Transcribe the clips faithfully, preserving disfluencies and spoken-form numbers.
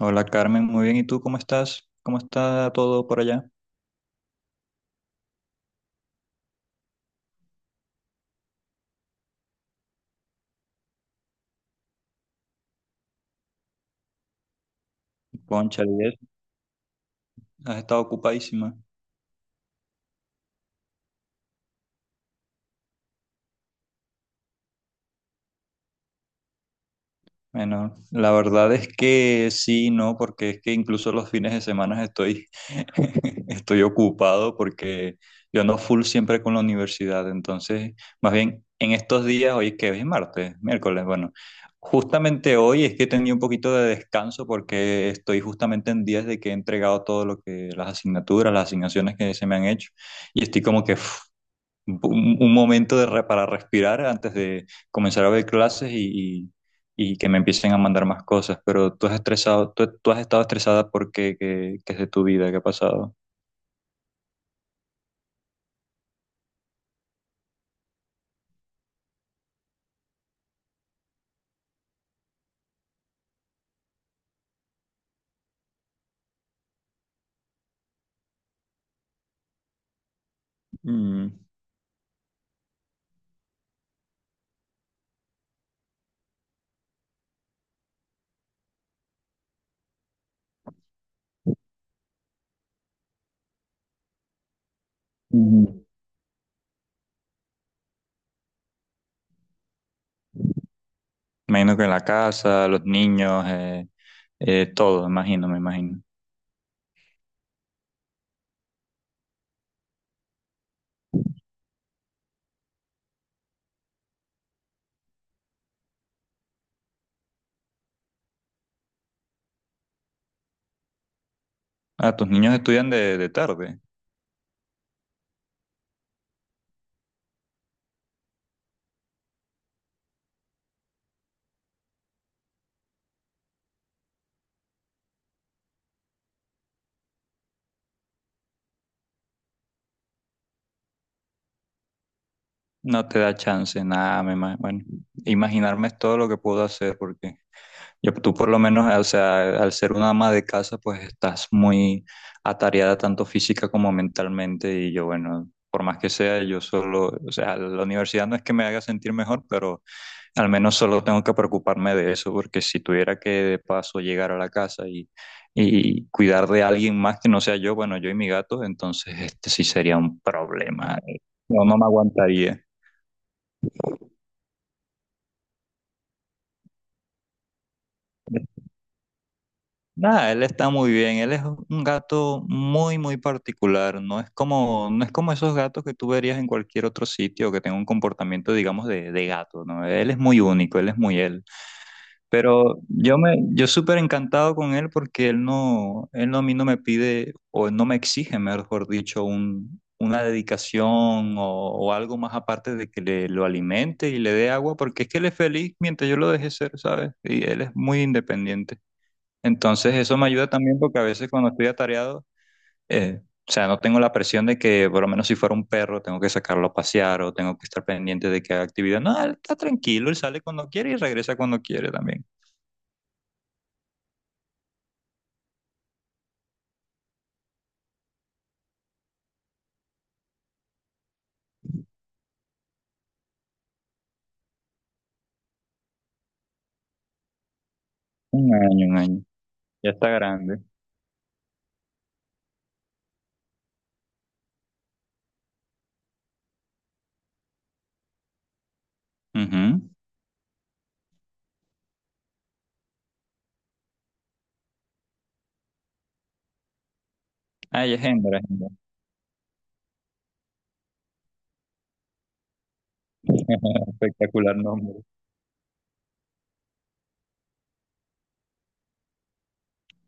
Hola Carmen, muy bien. ¿Y tú cómo estás? ¿Cómo está todo por allá? Concha, y eso, has estado ocupadísima. Bueno, la verdad es que sí, no, porque es que incluso los fines de semana estoy, estoy ocupado porque yo ando full siempre con la universidad. Entonces, más bien en estos días, hoy que es martes, miércoles, bueno, justamente hoy es que he tenido un poquito de descanso porque estoy justamente en días de que he entregado todo lo que las asignaturas, las asignaciones que se me han hecho y estoy como que... uf, un, un momento de re- para respirar antes de comenzar a ver clases y, y- y que me empiecen a mandar más cosas. Pero tú has estresado, tú, tú has estado estresada porque qué, qué es de tu vida, qué ha pasado. Mm. Mm, imagino que en la casa, los niños, eh, eh, todo, imagino, me imagino. Ah, tus niños estudian de, de tarde. No te da chance, nada, me ima- bueno, imaginarme es todo lo que puedo hacer porque yo, tú por lo menos, eh, o sea, al ser una ama de casa, pues estás muy atareada tanto física como mentalmente y yo, bueno, por más que sea, yo solo, o sea, la universidad no es que me haga sentir mejor, pero al menos solo tengo que preocuparme de eso, porque si tuviera que de paso llegar a la casa y, y cuidar de alguien más que no sea yo, bueno, yo y mi gato, entonces este sí sería un problema. No, no me aguantaría. Nada, él está muy bien. Él es un gato muy, muy particular. No es como, no es como esos gatos que tú verías en cualquier otro sitio que tenga un comportamiento, digamos, de, de gato, ¿no? Él es muy único, él es muy él. Pero yo me, yo súper encantado con él porque él no, él no a mí no me pide, o él no me exige, mejor dicho, un, una dedicación o, o algo más aparte de que le, lo alimente y le dé agua, porque es que él es feliz mientras yo lo deje ser, ¿sabes? Y él es muy independiente. Entonces eso me ayuda también porque a veces cuando estoy atareado, eh, o sea, no tengo la presión de que por lo menos si fuera un perro tengo que sacarlo a pasear o tengo que estar pendiente de que haga actividad. No, él está tranquilo, él sale cuando quiere y regresa cuando quiere también. Un año, un año. Ya está grande. Ujú. Ah, ella es hembra, es hembra. Espectacular nombre.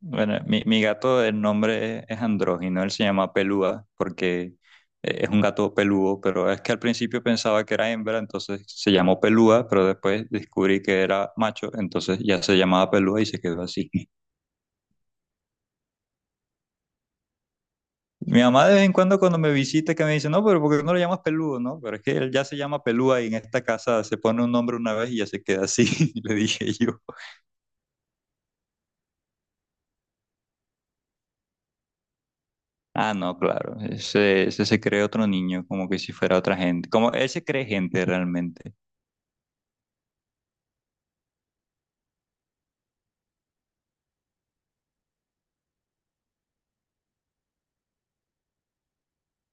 Bueno, mi, mi gato, el nombre es andrógino, él se llama Pelúa porque eh, es un gato peludo, pero es que al principio pensaba que era hembra, entonces se llamó Pelúa, pero después descubrí que era macho, entonces ya se llamaba Pelúa y se quedó así. Mi mamá de vez en cuando cuando me visita que me dice, no, pero ¿por qué no lo llamas peludo? No, pero es que él ya se llama Pelúa y en esta casa se pone un nombre una vez y ya se queda así, le dije yo. Ah, no, claro, ese, ese se cree otro niño, como que si fuera otra gente, como él se cree gente realmente.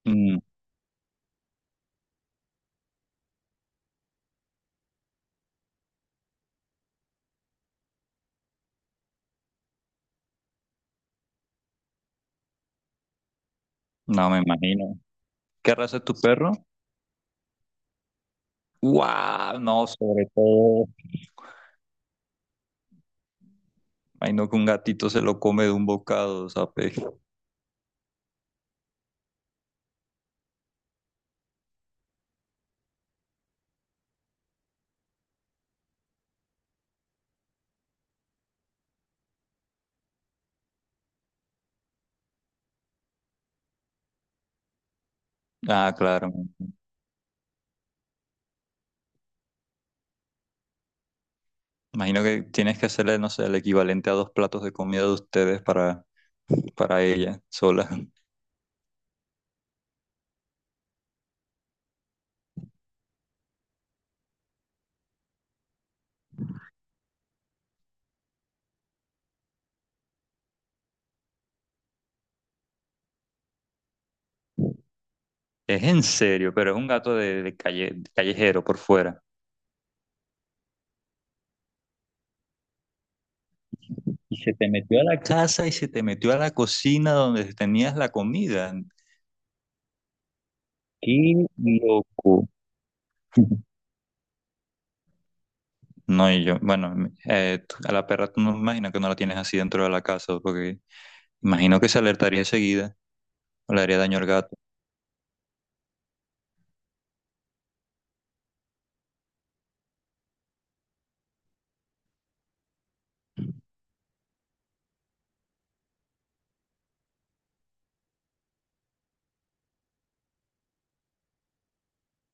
Mm. No me imagino. ¿Qué raza es tu perro? ¡Guau! No, sobre todo. Imagino que un gatito se lo come de un bocado, ¿sabes? Ah, claro. Imagino que tienes que hacerle, no sé, el equivalente a dos platos de comida de ustedes para, para ella sola. Es en serio, pero es un gato de, de calle, callejero por fuera. Y se te metió a la casa y se te metió a la cocina donde tenías la comida. ¡Qué loco! No, y yo, bueno, eh, tú- a la perra tú no me imagino que no la tienes así dentro de la casa, porque imagino que se alertaría enseguida o le haría daño al gato.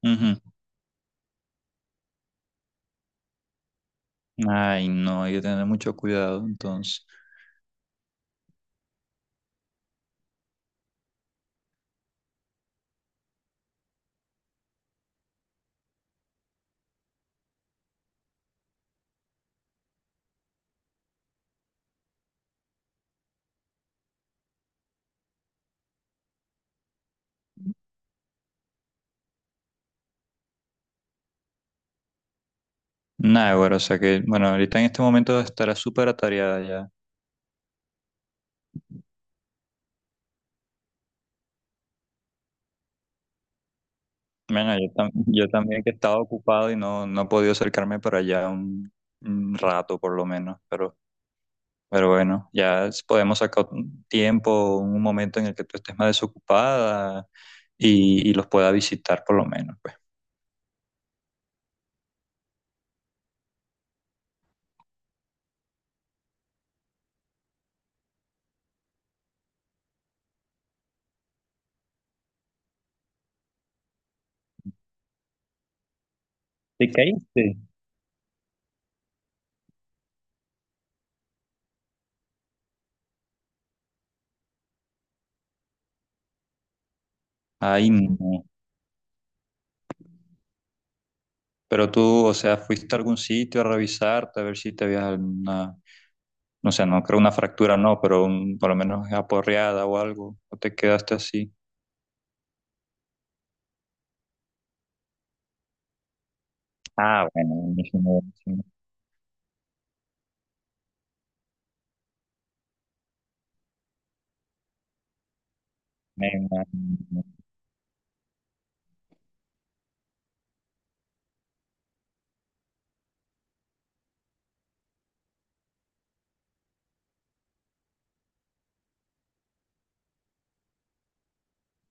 Ujú. Ay, no, hay que tener mucho cuidado, entonces. Nada, güey, o sea que, bueno, ahorita en este momento estará súper atareada ya. Bueno, yo, tam- yo también que estaba ocupado y no, no he podido acercarme para allá un, un rato por lo menos, pero Pero bueno, ya s- podemos sacar un tiempo, un momento en el que tú estés más desocupada y, y los pueda visitar por lo menos, pues. ¿Te caíste? Ay, no. Pero tú, o sea, fuiste a algún sitio a revisarte, a ver si te habías alguna, no sé, no creo una fractura, no, pero un- por lo menos aporreada o algo, o te quedaste así. Ah, bueno, buenísimo, buenísimo.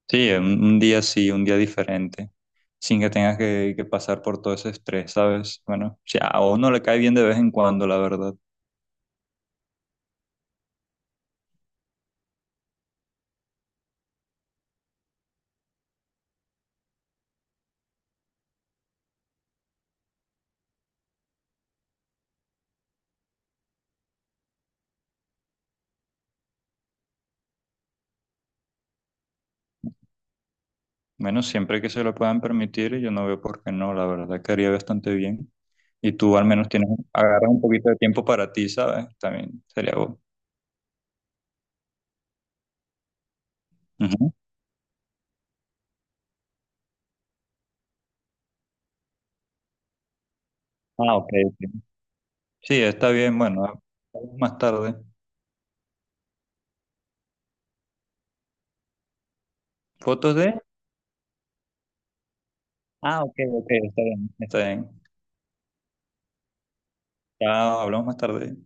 Sí, un, un día sí, un día diferente, sin que tengas que, que pasar por todo ese estrés, ¿sabes? Bueno, si a uno le cae bien de vez en cuando, la verdad. Bueno, siempre que se lo puedan permitir, yo no veo por qué no, la verdad, que haría bastante bien. Y tú al menos tienes, agarras un poquito de tiempo para ti, ¿sabes? También sería bueno. Ujú. Ah, ok, ok. Sí, está bien, bueno, ah, hablamos más tarde. ¿Fotos de? Ah, ok, ok, está bien. Está bien. Chao, hablamos más tarde.